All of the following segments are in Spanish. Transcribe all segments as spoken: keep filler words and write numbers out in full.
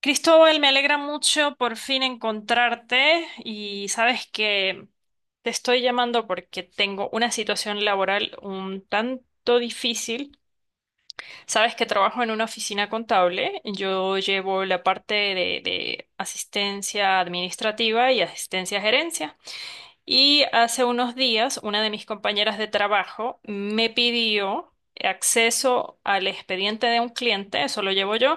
Cristóbal, me alegra mucho por fin encontrarte y sabes que te estoy llamando porque tengo una situación laboral un tanto difícil. Sabes que trabajo en una oficina contable, yo llevo la parte de, de asistencia administrativa y asistencia a gerencia. Y hace unos días una de mis compañeras de trabajo me pidió acceso al expediente de un cliente, eso lo llevo yo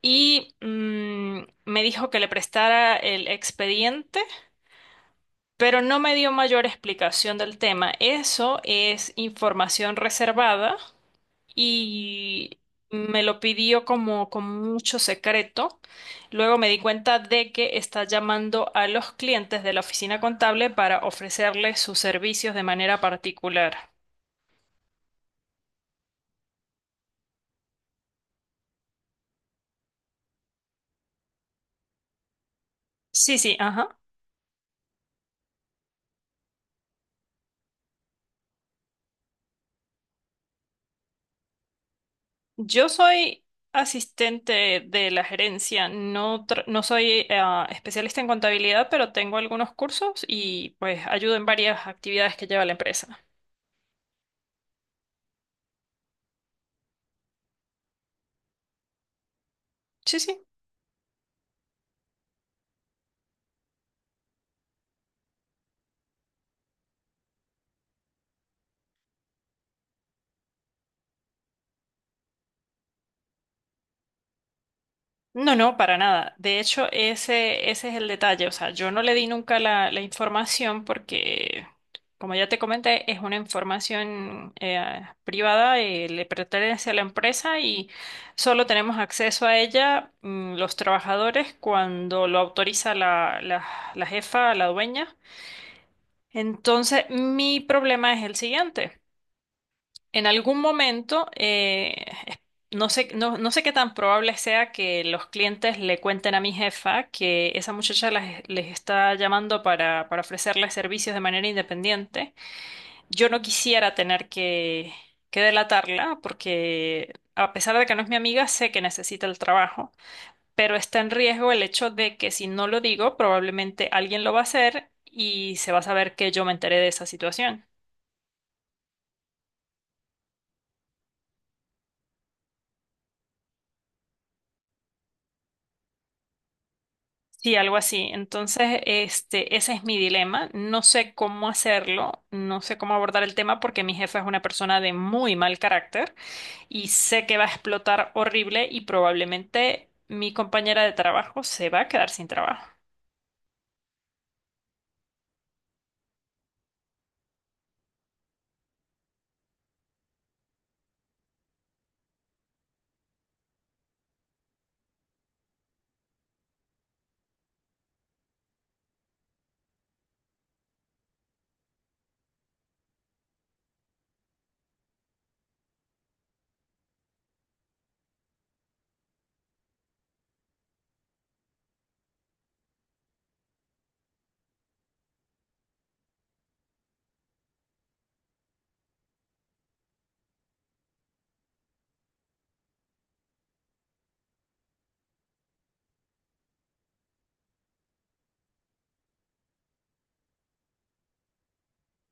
y mm, me dijo que le prestara el expediente, pero no me dio mayor explicación del tema. Eso es información reservada y me lo pidió como con mucho secreto. Luego me di cuenta de que está llamando a los clientes de la oficina contable para ofrecerles sus servicios de manera particular. Sí, sí, ajá. Yo soy asistente de la gerencia, no, tra- no soy eh, especialista en contabilidad, pero tengo algunos cursos y pues ayudo en varias actividades que lleva la empresa. Sí, sí. No, no, para nada. De hecho, ese, ese es el detalle. O sea, yo no le di nunca la, la información porque, como ya te comenté, es una información eh, privada, eh, le pertenece a la empresa y solo tenemos acceso a ella, mm, los trabajadores cuando lo autoriza la, la la jefa, la dueña. Entonces, mi problema es el siguiente. En algún momento, eh, es- no sé, no, no sé qué tan probable sea que los clientes le cuenten a mi jefa que esa muchacha las- les está llamando para, para ofrecerles servicios de manera independiente. Yo no quisiera tener que, que delatarla, porque a pesar de que no es mi amiga, sé que necesita el trabajo, pero está en riesgo el hecho de que si no lo digo, probablemente alguien lo va a hacer y se va a saber que yo me enteré de esa situación. Sí, algo así. Entonces, este, ese es mi dilema. No sé cómo hacerlo, no sé cómo abordar el tema porque mi jefa es una persona de muy mal carácter y sé que va a explotar horrible y probablemente mi compañera de trabajo se va a quedar sin trabajo.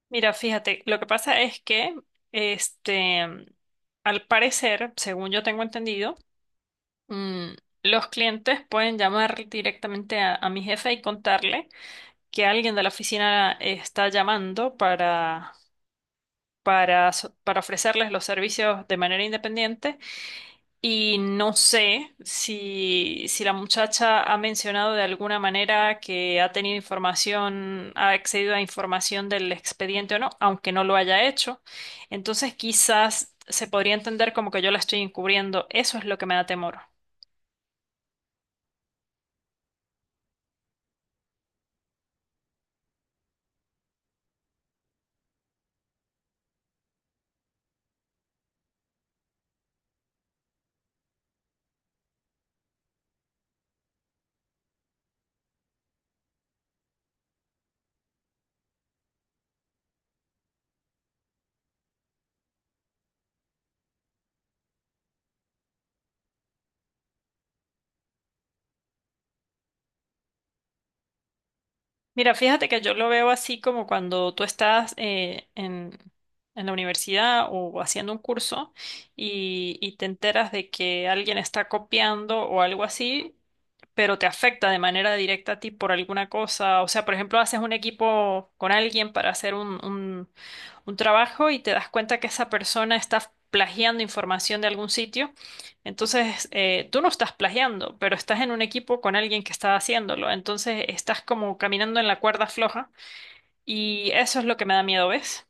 Mira, fíjate, lo que pasa es que, este, al parecer, según yo tengo entendido, mm, los clientes pueden llamar directamente a a mi jefa y contarle que alguien de la oficina está llamando para, para, so- para ofrecerles los servicios de manera independiente, y no sé si, si la muchacha ha mencionado de alguna manera que ha tenido información, ha accedido a información del expediente o no, aunque no lo haya hecho. Entonces quizás se podría entender como que yo la estoy encubriendo. Eso es lo que me da temor. Mira, fíjate que yo lo veo así como cuando tú estás eh, en, en la universidad o haciendo un curso y, y te enteras de que alguien está copiando o algo así, pero te afecta de manera directa a ti por alguna cosa. O sea, por ejemplo, haces un equipo con alguien para hacer un, un un trabajo y te das cuenta que esa persona está plagiando información de algún sitio. Entonces, eh, tú no estás plagiando, pero estás en un equipo con alguien que está haciéndolo. Entonces, estás como caminando en la cuerda floja y eso es lo que me da miedo, ¿ves?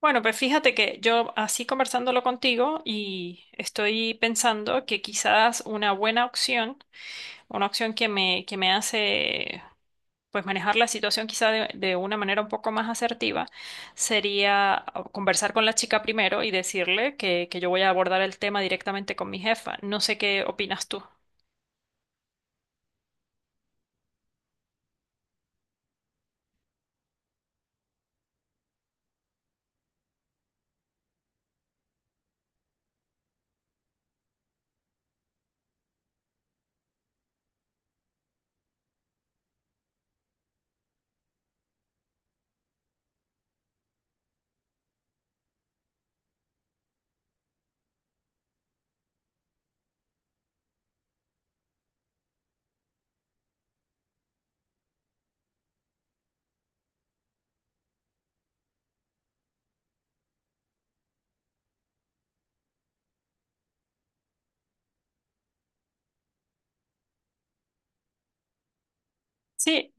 Bueno, pues fíjate que yo así conversándolo contigo y estoy pensando que quizás una buena opción, una opción que me, que me hace pues manejar la situación quizá de, de una manera un poco más asertiva, sería conversar con la chica primero y decirle que, que yo voy a abordar el tema directamente con mi jefa. No sé qué opinas tú. Sí,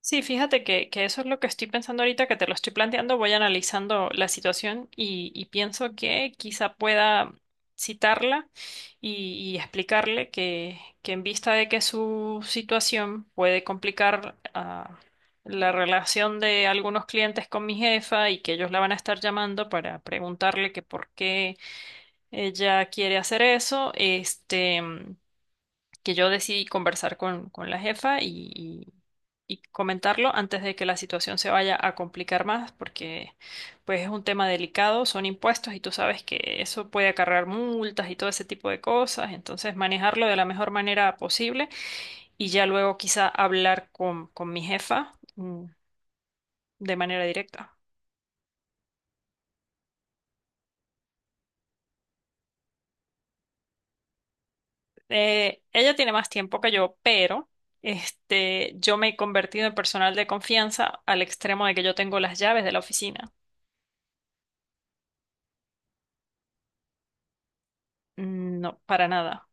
sí, fíjate que, que eso es lo que estoy pensando ahorita, que te lo estoy planteando. Voy analizando la situación y, y pienso que quizá pueda citarla y, y explicarle que, que en vista de que su situación puede complicar, ah, la relación de algunos clientes con mi jefa y que ellos la van a estar llamando para preguntarle que por qué ella quiere hacer eso, este, que yo decidí conversar con, con la jefa y, y- y comentarlo antes de que la situación se vaya a complicar más, porque pues es un tema delicado, son impuestos y tú sabes que eso puede acarrear multas y todo ese tipo de cosas, entonces manejarlo de la mejor manera posible y ya luego quizá hablar con, con mi jefa, mm, de manera directa. Eh, ella tiene más tiempo que yo, pero... Este, yo me he convertido en personal de confianza al extremo de que yo tengo las llaves de la oficina. Mm, no, para nada.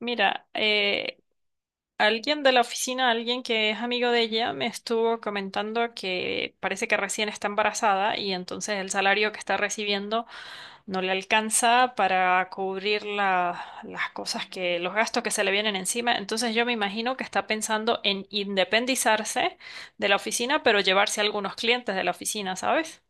Mira, eh, alguien de la oficina, alguien que es amigo de ella, me estuvo comentando que parece que recién está embarazada y entonces el salario que está recibiendo no le alcanza para cubrir la- las cosas que, los gastos que se le vienen encima. Entonces yo me imagino que está pensando en independizarse de la oficina, pero llevarse algunos clientes de la oficina, ¿sabes?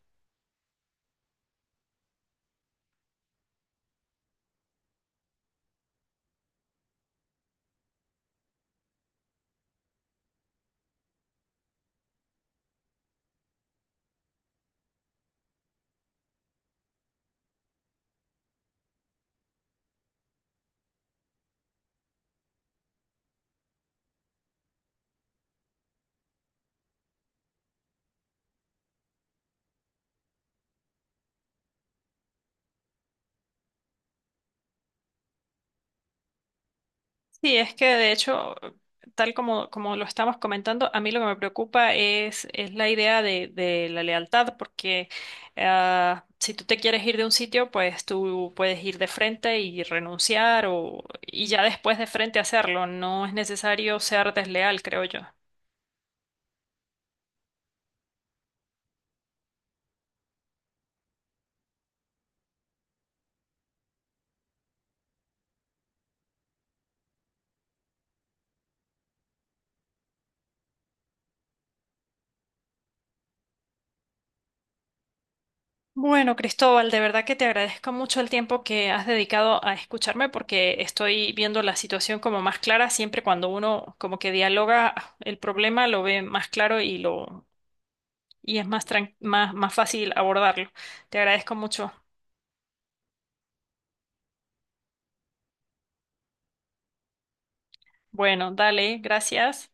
Sí, es que de hecho, tal como, como lo estamos comentando, a mí lo que me preocupa es, es la idea de, de la lealtad, porque ah, si tú te quieres ir de un sitio, pues tú puedes ir de frente y renunciar o, y ya después de frente hacerlo. No es necesario ser desleal, creo yo. Bueno, Cristóbal, de verdad que te agradezco mucho el tiempo que has dedicado a escucharme porque estoy viendo la situación como más clara. Siempre cuando uno como que dialoga el problema lo ve más claro y lo y es más, tran- más, más fácil abordarlo. Te agradezco mucho. Bueno, dale, gracias.